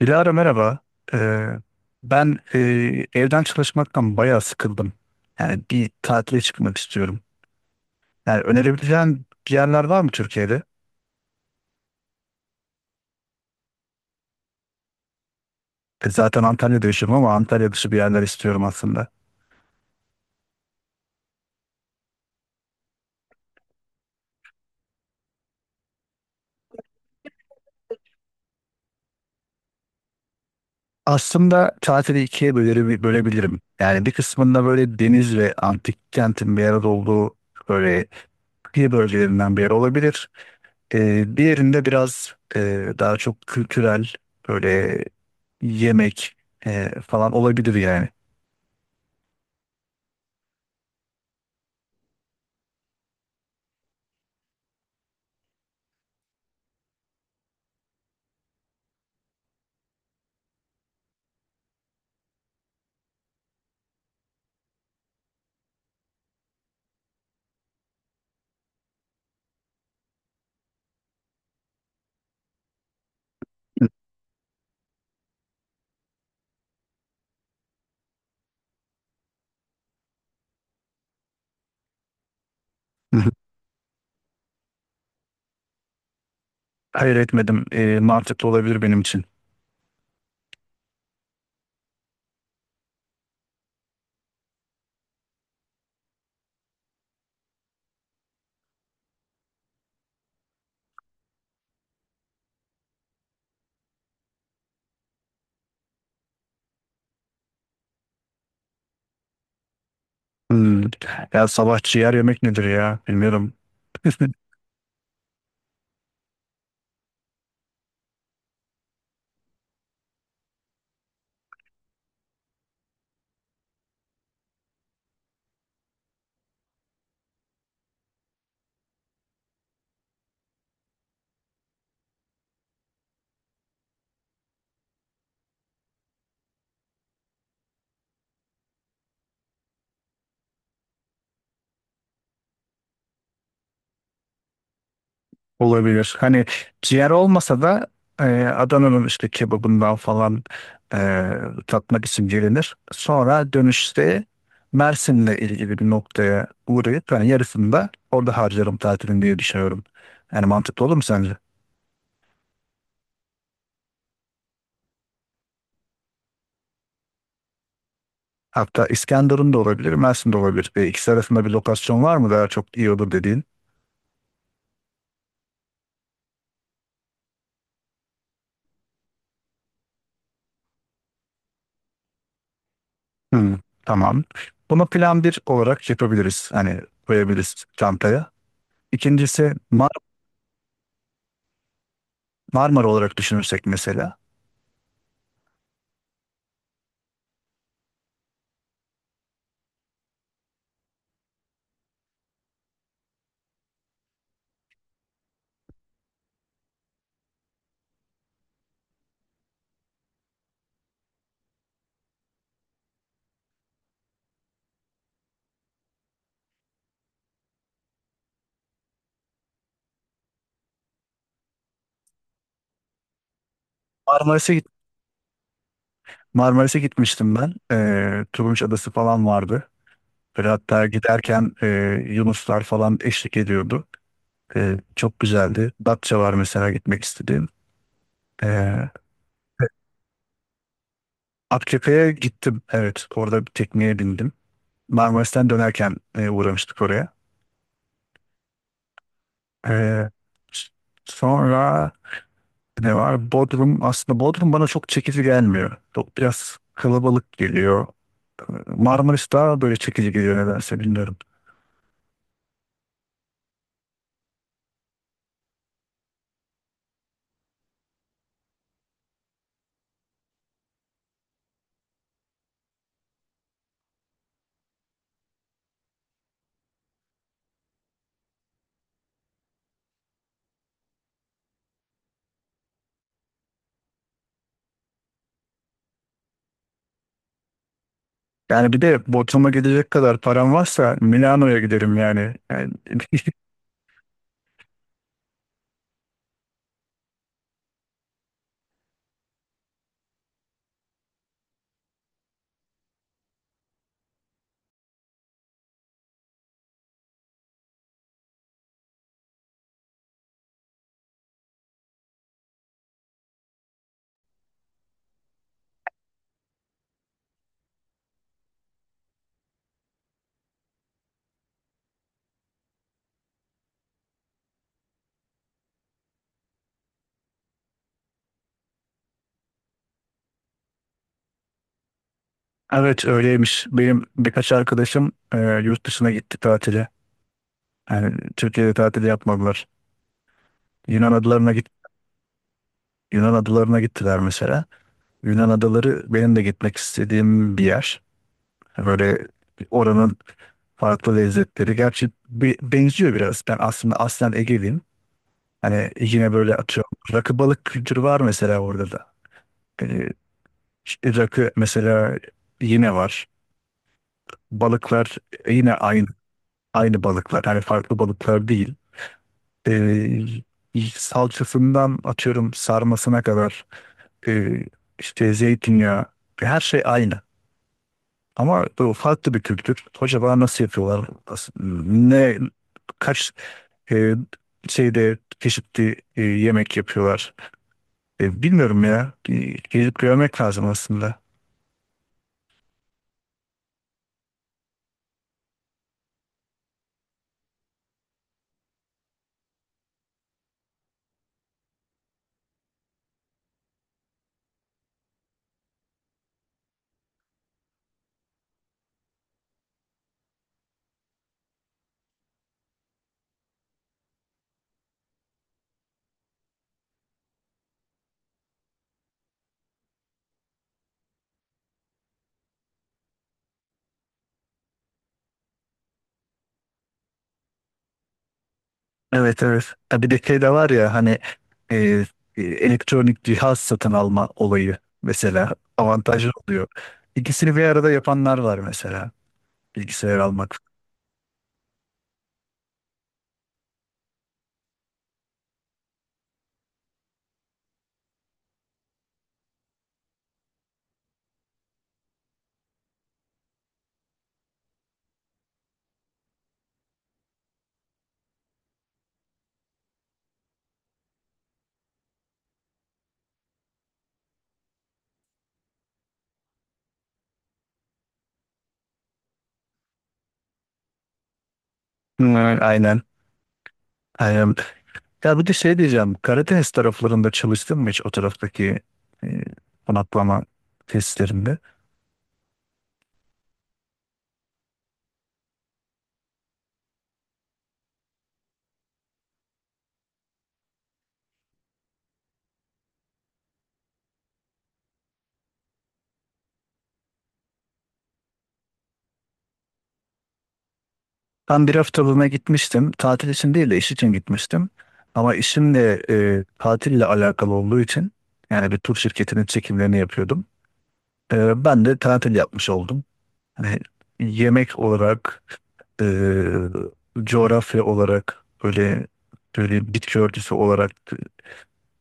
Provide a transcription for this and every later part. Dilara merhaba. Ee, ben evden çalışmaktan bayağı sıkıldım. Yani bir tatile çıkmak istiyorum. Yani önerebileceğin bir yerler var mı Türkiye'de? Zaten Antalya'da yaşıyorum ama Antalya dışı bir yerler istiyorum aslında. Aslında tatili ikiye bölebilirim. Yani bir kısmında böyle deniz ve antik kentin bir arada olduğu böyle kıyı bölgelerinden bir yer olabilir. Bir yerinde biraz daha çok kültürel böyle yemek falan olabilir yani. Hı hı. Hayır, etmedim. Mantıklı olabilir benim için. Hmm. Ya sabah ciğer yemek nedir ya? Bilmiyorum. Olabilir. Hani ciğer olmasa da Adana'nın işte kebabından falan e, tatmak için gelinir. Sonra dönüşte Mersin'le ilgili bir noktaya uğrayıp yani yarısını da orada harcarım tatilini diye düşünüyorum. Yani mantıklı olur mu sence? Hatta İskenderun da olabilir, Mersin de olabilir. İkisi arasında bir lokasyon var mı daha çok iyi olur dediğin? Hmm, tamam. Bunu plan bir olarak yapabiliriz. Hani koyabiliriz çantaya. İkincisi Marmara olarak düşünürsek mesela. Marmaris'e git Marmaris'e gitmiştim ben. Turunç Adası falan vardı. Böyle hatta giderken Yunuslar falan eşlik ediyordu. Çok güzeldi. Datça var mesela gitmek istediğim. Ee, Akçakaya gittim. Evet, orada bir tekneye bindim. Marmaris'ten dönerken uğramıştık oraya. Ee, s- Sonra ne var? Bodrum. Aslında Bodrum bana çok çekici gelmiyor. Çok biraz kalabalık geliyor. Marmaris daha böyle çekici geliyor nedense bilmiyorum. Yani bir de Bodrum'a gidecek kadar param varsa Milano'ya giderim yani. Yani evet, öyleymiş. Benim birkaç arkadaşım yurt dışına gitti tatile. Yani Türkiye'de tatil yapmadılar. Yunan adalarına git Yunan adalarına gittiler mesela. Yunan adaları benim de gitmek istediğim bir yer. Hani böyle oranın farklı lezzetleri. Gerçi bir, benziyor biraz. Ben aslında aslen Ege'liyim. Hani yine böyle atıyorum. Rakı balık kültürü var mesela orada da. Ee, işte rakı mesela yine var. Balıklar yine aynı, aynı balıklar. Hani farklı balıklar değil. Salçasından atıyorum sarmasına kadar e, işte zeytinyağı, her şey aynı. Ama bu farklı bir kültür. Acaba nasıl yapıyorlar? Nasıl- Ne kaç e, şeyde çeşitli yemek yapıyorlar? Bilmiyorum ya. Gezip görmek lazım aslında. Evet, evet. Ha, bir de şey de var ya hani e, elektronik cihaz satın alma olayı mesela avantajlı oluyor. İkisini bir arada yapanlar var mesela. Bilgisayar almak. Hı, aynen. Aynen. Ya bir de şey diyeceğim. Karadeniz taraflarında çalıştım mı hiç o taraftaki e, konaklama testlerinde? Ben bir haftalığına gitmiştim. Tatil için değil de iş için gitmiştim. Ama işimle tatille alakalı olduğu için yani bir tur şirketinin çekimlerini yapıyordum. Ben de tatil yapmış oldum. Hani yemek olarak, e, coğrafya olarak, böyle böyle bitki örtüsü olarak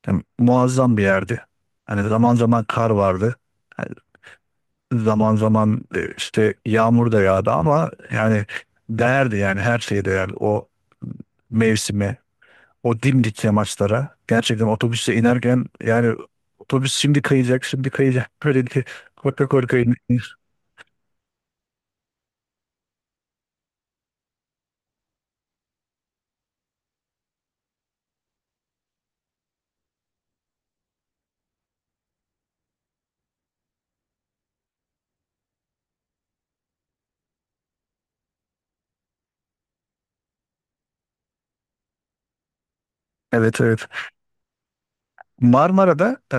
yani muazzam bir yerdi. Hani zaman zaman kar vardı. Zaman zaman işte yağmur da yağdı ama yani değerdi yani her şeye değerdi. O mevsime, o dimdik yamaçlara gerçekten otobüse inerken yani otobüs şimdi kayacak, şimdi kayacak. Böyle ki korka korka in- Evet, evet. Marmara'da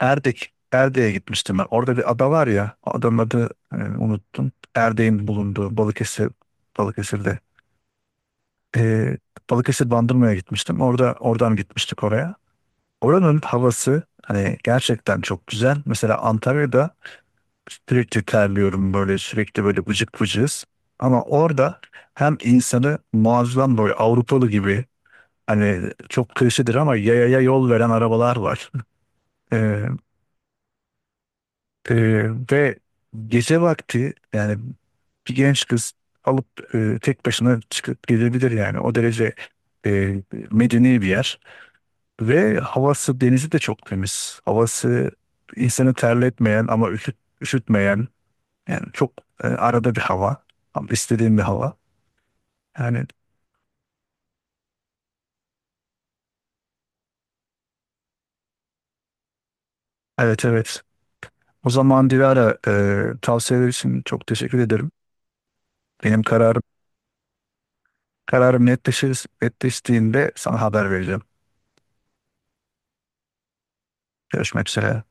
Erdek'e gitmiştim ben. Orada bir ada var ya, adanın adı unuttum. Erdek'in bulunduğu Balıkesir, Balıkesir'de. E, Balıkesir Bandırma'ya gitmiştim. Oradan gitmiştik oraya. Oranın havası hani gerçekten çok güzel. Mesela Antalya'da sürekli terliyorum böyle sürekli böyle vıcık vıcız. Ama orada hem insanı muazzam böyle Avrupalı gibi, hani çok klişedir ama, yayaya yol veren arabalar var. Ee, e, ve gece vakti yani bir genç kız alıp tek başına çıkıp gidebilir yani. O derece e, medeni bir yer. Ve havası, denizi de çok temiz. Havası insanı terletmeyen ama üşütmeyen. Yani çok arada bir hava. Ama istediğim bir hava. Yani evet, evet. O zaman Dilara, tavsiyeler için çok teşekkür ederim. Benim kararım netleşir, netleştiğinde sana haber vereceğim. Görüşmek üzere.